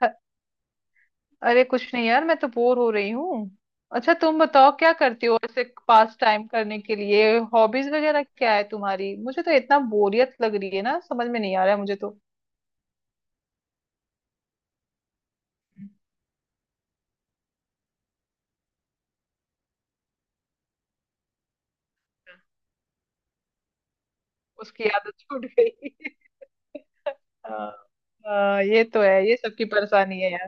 अ- अरे कुछ नहीं यार, मैं तो बोर हो रही हूँ। अच्छा तुम बताओ, क्या करती हो ऐसे पास टाइम करने के लिए? हॉबीज वगैरह क्या है तुम्हारी? मुझे तो इतना बोरियत लग रही है ना, समझ में नहीं आ रहा है मुझे तो। उसकी आदत छूट गई हाँ हाँ, ये तो है, ये सबकी परेशानी है।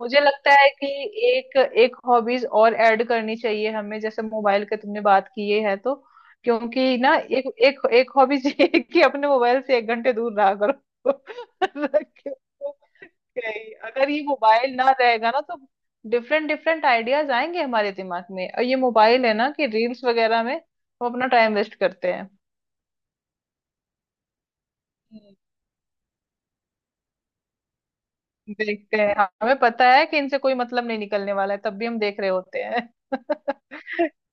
मुझे लगता है कि एक एक हॉबीज और ऐड करनी चाहिए हमें, जैसे मोबाइल के तुमने बात की ये है तो क्योंकि ना एक एक एक हॉबीज ये है कि अपने मोबाइल से एक घंटे दूर रहा करो क्योंकि अगर ये मोबाइल ना रहेगा ना तो डिफरेंट डिफरेंट आइडियाज आएंगे हमारे दिमाग में, और ये मोबाइल है ना कि रील्स वगैरह में हम अपना टाइम वेस्ट करते हैं। हम्म। देखते हैं, हमें पता है कि इनसे कोई मतलब नहीं निकलने वाला है, तब भी हम देख रहे होते हैं क्या,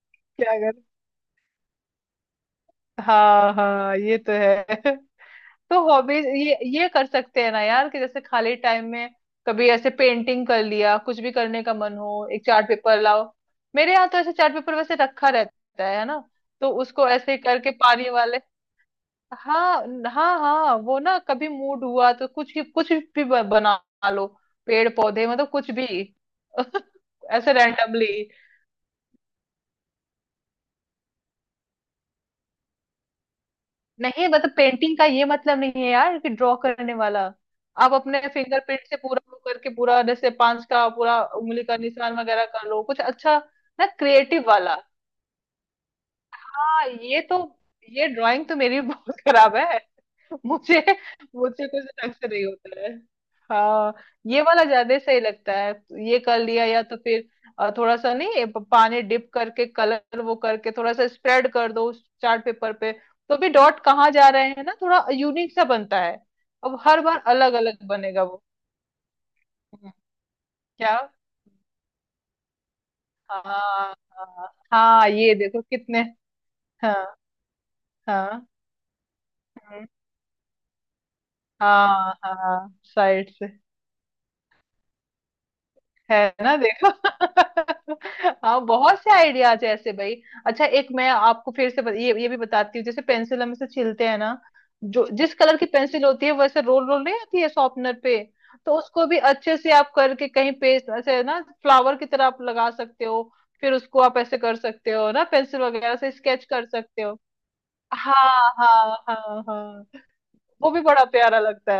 हाँ हाँ ये तो है तो हॉबीज ये कर सकते हैं ना यार, कि जैसे खाली टाइम में कभी ऐसे पेंटिंग कर लिया, कुछ भी करने का मन हो, एक चार्ट पेपर लाओ। मेरे यहाँ तो ऐसे चार्ट पेपर वैसे रखा रहता है ना। तो उसको ऐसे करके पानी वाले। हाँ हाँ हाँ, वो ना कभी मूड हुआ तो कुछ भी बना लो, पेड़ पौधे मतलब कुछ भी ऐसे रैंडमली। नहीं, मतलब पेंटिंग का ये मतलब नहीं है यार कि ड्रॉ करने वाला, आप अपने फिंगरप्रिंट से पूरा वो करके पूरा जैसे पांच का पूरा उंगली का निशान वगैरह कर लो कुछ अच्छा ना, क्रिएटिव वाला। हाँ ये तो, ये ड्राइंग तो मेरी भी बहुत खराब है मुझे मुझे कुछ ढंग से नहीं होता है। हाँ, ये वाला ज्यादा सही लगता है। ये कर लिया या तो फिर थोड़ा सा, नहीं ये पानी डिप करके कलर वो करके थोड़ा सा स्प्रेड कर दो उस चार्ट पेपर पे, तो भी डॉट कहाँ जा रहे हैं ना, थोड़ा यूनिक सा बनता है। अब हर बार अलग अलग बनेगा वो। हम्म, क्या, हाँ हाँ हाँ ये देखो कितने। हाँ हाँ, हम्म, हाँ हाँ साइड से। है ना देखो हाँ बहुत से आइडियाज है ऐसे भाई। अच्छा एक मैं आपको फिर से ये भी बताती हूँ, जैसे पेंसिल हम इसे छीलते हैं ना, जो जिस कलर की पेंसिल होती है वैसे रोल रोल नहीं आती है शॉर्पनर पे, तो उसको भी अच्छे से आप करके कहीं पेस्ट ऐसे ना फ्लावर की तरह आप लगा सकते हो। फिर उसको आप ऐसे कर सकते हो ना, पेंसिल वगैरह से स्केच कर सकते हो। हाँ हाँ हाँ हाँ, वो भी बड़ा प्यारा लगता।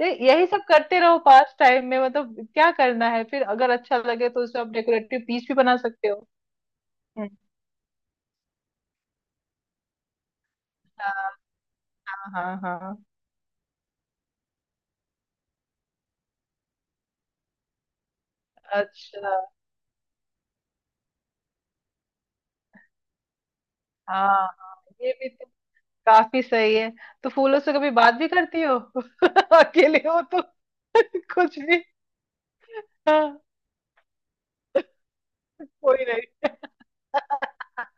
ये यही सब करते रहो पास टाइम में, मतलब क्या करना है, फिर अगर अच्छा लगे तो उसे आप डेकोरेटिव पीस भी बना सकते हो। हम्म, हाँ हाँ हाँ। अच्छा, हाँ हाँ ये भी तो काफी सही है। तो फूलों से कभी बात भी करती हो अकेले हो तो कुछ भी। हाँ, कोई नहीं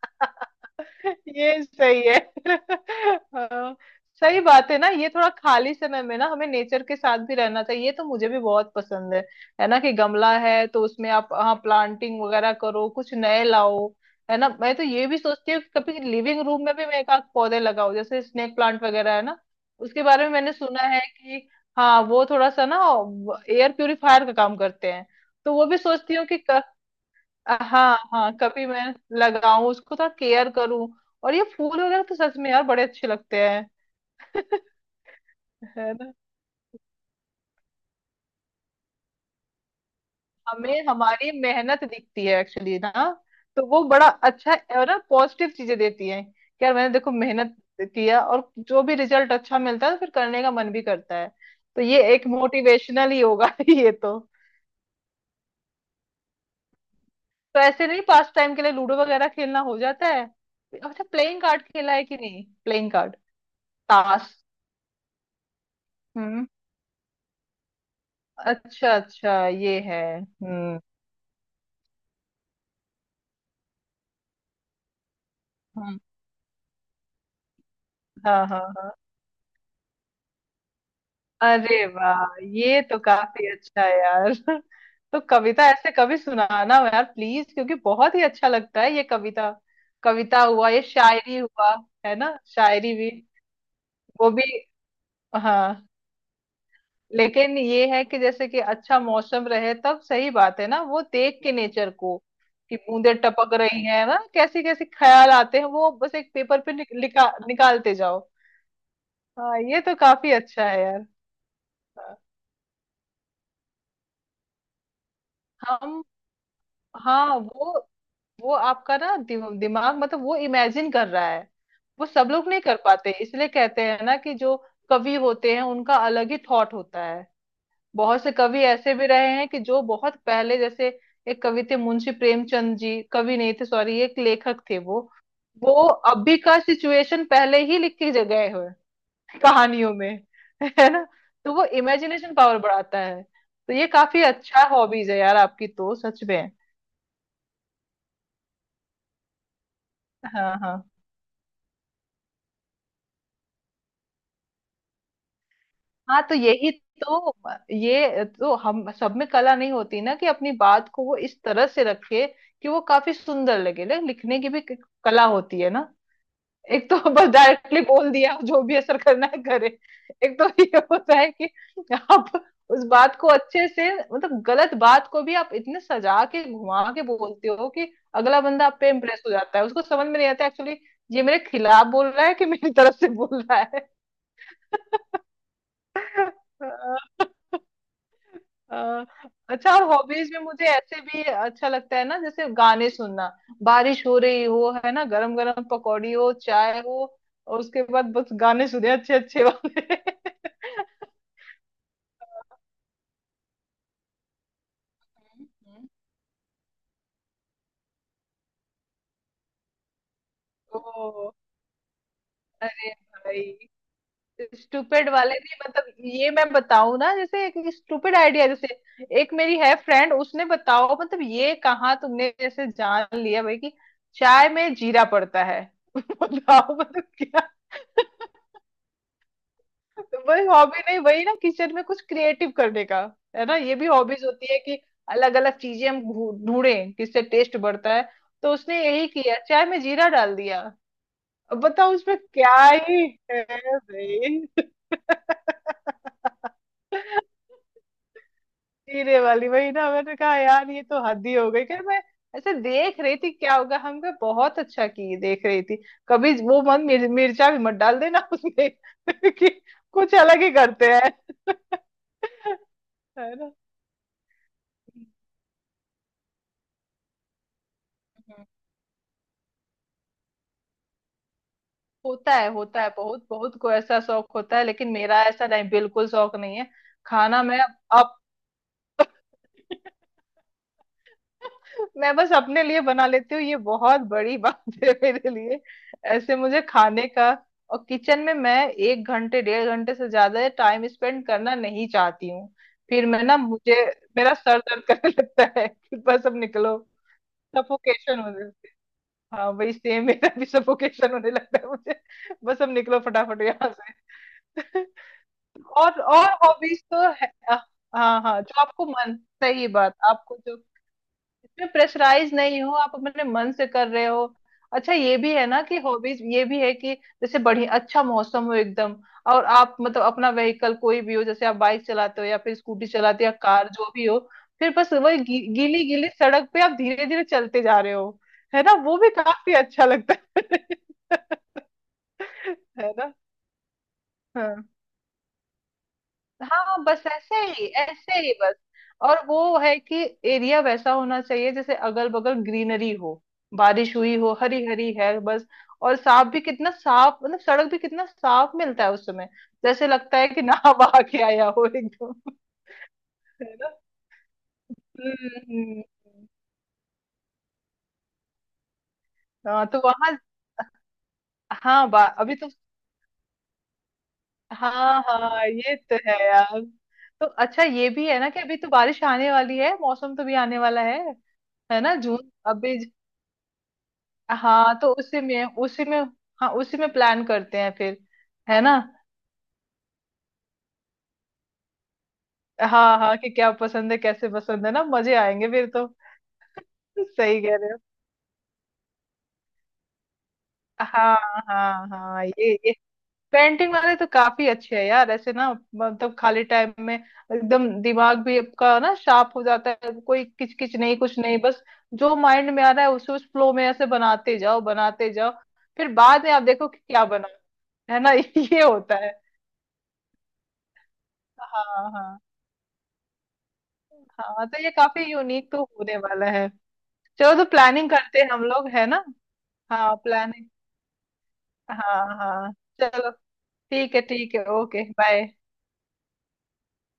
ये सही है हाँ, सही बात है ना। ये थोड़ा खाली समय में ना हमें नेचर के साथ भी रहना चाहिए, ये तो मुझे भी बहुत पसंद है। है ना कि गमला है तो उसमें आप, हाँ प्लांटिंग वगैरह करो, कुछ नए लाओ। है ना, मैं तो ये भी सोचती हूँ कि कभी लिविंग रूम में भी मैं एक आध पौधे लगाऊं, जैसे स्नेक प्लांट वगैरह, है ना। उसके बारे में मैंने सुना है कि, हाँ वो थोड़ा सा ना एयर प्यूरिफायर का काम करते हैं। तो वो भी सोचती हूँ कि हाँ हाँ कभी मैं लगाऊं उसको, थोड़ा केयर करूं। और ये फूल वगैरह तो सच में यार बड़े अच्छे लगते हैं है ना, हमें हमारी मेहनत दिखती है एक्चुअली ना। तो वो बड़ा अच्छा है, और ना पॉजिटिव चीजें देती हैं कि यार मैंने देखो मेहनत किया, और जो भी रिजल्ट अच्छा मिलता है तो फिर करने का मन भी करता है। तो ये एक मोटिवेशनल ही होगा ये तो। तो ऐसे नहीं, पास टाइम के लिए लूडो वगैरह खेलना हो जाता है। अच्छा, प्लेइंग कार्ड खेला है कि नहीं, प्लेइंग कार्ड, ताश। हम्म। अच्छा अच्छा, ये है, हम्म, हम्म, हाँ हाँ हाँ। अरे वाह, ये तो काफी अच्छा है यार तो कविता ऐसे कभी सुनाना यार प्लीज, क्योंकि बहुत ही अच्छा लगता है ये कविता। कविता हुआ, ये शायरी हुआ, है ना, शायरी भी, वो भी। हाँ, लेकिन ये है कि जैसे कि अच्छा मौसम रहे तब सही बात है ना, वो देख के नेचर को, कि बूंदे टपक रही हैं ना, कैसे कैसे ख्याल आते हैं, वो बस एक पेपर पे लिखा निकालते जाओ। हाँ ये तो काफी अच्छा है यार। हाँ। हम, हाँ वो आपका ना दिमाग मतलब वो इमेजिन कर रहा है। वो सब लोग नहीं कर पाते, इसलिए कहते हैं ना कि जो कवि होते हैं उनका अलग ही थॉट होता है। बहुत से कवि ऐसे भी रहे हैं कि जो बहुत पहले, जैसे एक कवि थे मुंशी प्रेमचंद जी, कवि नहीं थे सॉरी, एक लेखक थे वो अभी का सिचुएशन पहले ही लिख के गए हुए कहानियों में, है ना। तो वो इमेजिनेशन पावर बढ़ाता है, तो ये काफी अच्छा हॉबीज है यार आपकी तो सच में। हाँ हाँ हाँ, तो यही तो, ये तो हम सब में कला नहीं होती ना कि अपनी बात को वो इस तरह से रखे कि वो काफी सुंदर लगे, लिखने की भी कला होती है ना। एक तो बस डायरेक्टली बोल दिया, जो भी असर करना है करे। एक तो ये होता है कि आप उस बात को अच्छे से, मतलब गलत बात को भी आप इतने सजा के घुमा के बोलते हो कि अगला बंदा आप पे इम्प्रेस हो जाता है, उसको समझ में नहीं आता एक्चुअली ये मेरे खिलाफ बोल रहा है कि मेरी तरफ से बोल रहा है अ, अच्छा और हॉबीज में मुझे ऐसे भी अच्छा लगता है ना, जैसे गाने सुनना, बारिश हो रही हो, है ना, गरम गरम पकौड़ी हो, चाय हो, और उसके बाद बस गाने सुने अच्छे अच्छे वाले। हम्म, ओ भाई, स्टूपिड वाले नहीं, मतलब ये मैं बताऊं ना, जैसे एक स्टूपिड आइडिया, जैसे एक मेरी है फ्रेंड, उसने बताओ मतलब ये कहाँ तुमने जैसे जान लिया भाई कि चाय में जीरा पड़ता है बताओ मतलब क्या। तो वही हॉबी, नहीं वही ना, किचन में कुछ क्रिएटिव करने का, है ना, ये भी हॉबीज होती है कि अलग अलग चीजें हम ढूंढें किससे टेस्ट बढ़ता है। तो उसने यही किया, चाय में जीरा डाल दिया। अब बताओ, उसमें क्या ही है भाई। जीरे वाली, वही ना, मैंने कहा यार ये तो हद ही हो गई, फिर मैं ऐसे देख रही थी क्या होगा, हम कहा बहुत अच्छा की देख रही थी। कभी वो मन मिर्चा भी मत डाल देना उसमें कि कुछ अलग ही करते हैं है ना, हम्म। होता है होता है, बहुत बहुत को ऐसा शौक होता है, लेकिन मेरा ऐसा नहीं, बिल्कुल शौक नहीं है खाना। मैं, अब मैं बस अपने लिए बना लेती हूँ ये बहुत बड़ी बात है मेरे लिए। ऐसे मुझे खाने का, और किचन में मैं एक घंटे डेढ़ घंटे से ज्यादा टाइम स्पेंड करना नहीं चाहती हूँ। फिर मैं ना, मुझे मेरा सर दर्द करने लगता है कि बस अब निकलो, सफोकेशन होने लगती है। हाँ वही सेम, मेरा भी सफोकेशन होने लगता है मुझे, बस अब निकलो फटाफट यहाँ से और हॉबीज तो है। हाँ हाँ हाँ, जो आपको मन, सही बात, आपको जो, इसमें प्रेशराइज नहीं हो, आप अपने मन से कर रहे हो। अच्छा ये भी है ना कि हॉबीज ये भी है कि जैसे बढ़िया अच्छा मौसम हो एकदम, और आप मतलब अपना व्हीकल कोई भी हो, जैसे आप बाइक चलाते हो या फिर स्कूटी चलाते हो या कार जो भी हो, फिर बस वही गीली गीली सड़क पे आप धीरे धीरे चलते जा रहे हो, है ना वो भी काफी अच्छा लगता है है ना, हाँ। हाँ बस ऐसे ही बस, और वो है कि एरिया वैसा होना चाहिए, जैसे अगल बगल ग्रीनरी हो, बारिश हुई हो, हरी हरी है बस, और साफ भी, कितना साफ मतलब, सड़क भी कितना साफ मिलता है उस समय, जैसे लगता है कि नहा बहा के आया हो एकदम। है ना, हम्म हम्म, हम्म। हाँ तो वहां, हाँ बा अभी तो, हाँ हाँ ये तो है यार। तो अच्छा ये भी है ना कि अभी तो बारिश आने वाली है, मौसम तो भी आने वाला है ना, जून अभी, हाँ तो उसी में उसी में, हाँ उसी में प्लान करते हैं फिर, है ना। हाँ हाँ, कि क्या पसंद है कैसे पसंद है ना, मजे आएंगे फिर तो। सही कह रहे हो, हाँ हाँ हाँ, ये पेंटिंग वाले तो काफी अच्छे हैं यार ऐसे ना। मतलब खाली टाइम में एकदम दिमाग भी आपका ना शार्प हो जाता है, कोई किचकिच नहीं, कुछ नहीं, बस जो माइंड में आ रहा है उसे उस फ्लो में ऐसे बनाते जाओ बनाते जाओ, फिर बाद में आप देखो कि क्या बना, है ना ये होता है। हाँ हाँ हाँ, तो ये काफी यूनिक तो होने वाला है। चलो तो प्लानिंग करते हैं हम लोग, है ना। हाँ प्लानिंग, हाँ हाँ चलो, ठीक है ठीक है, ओके बाय।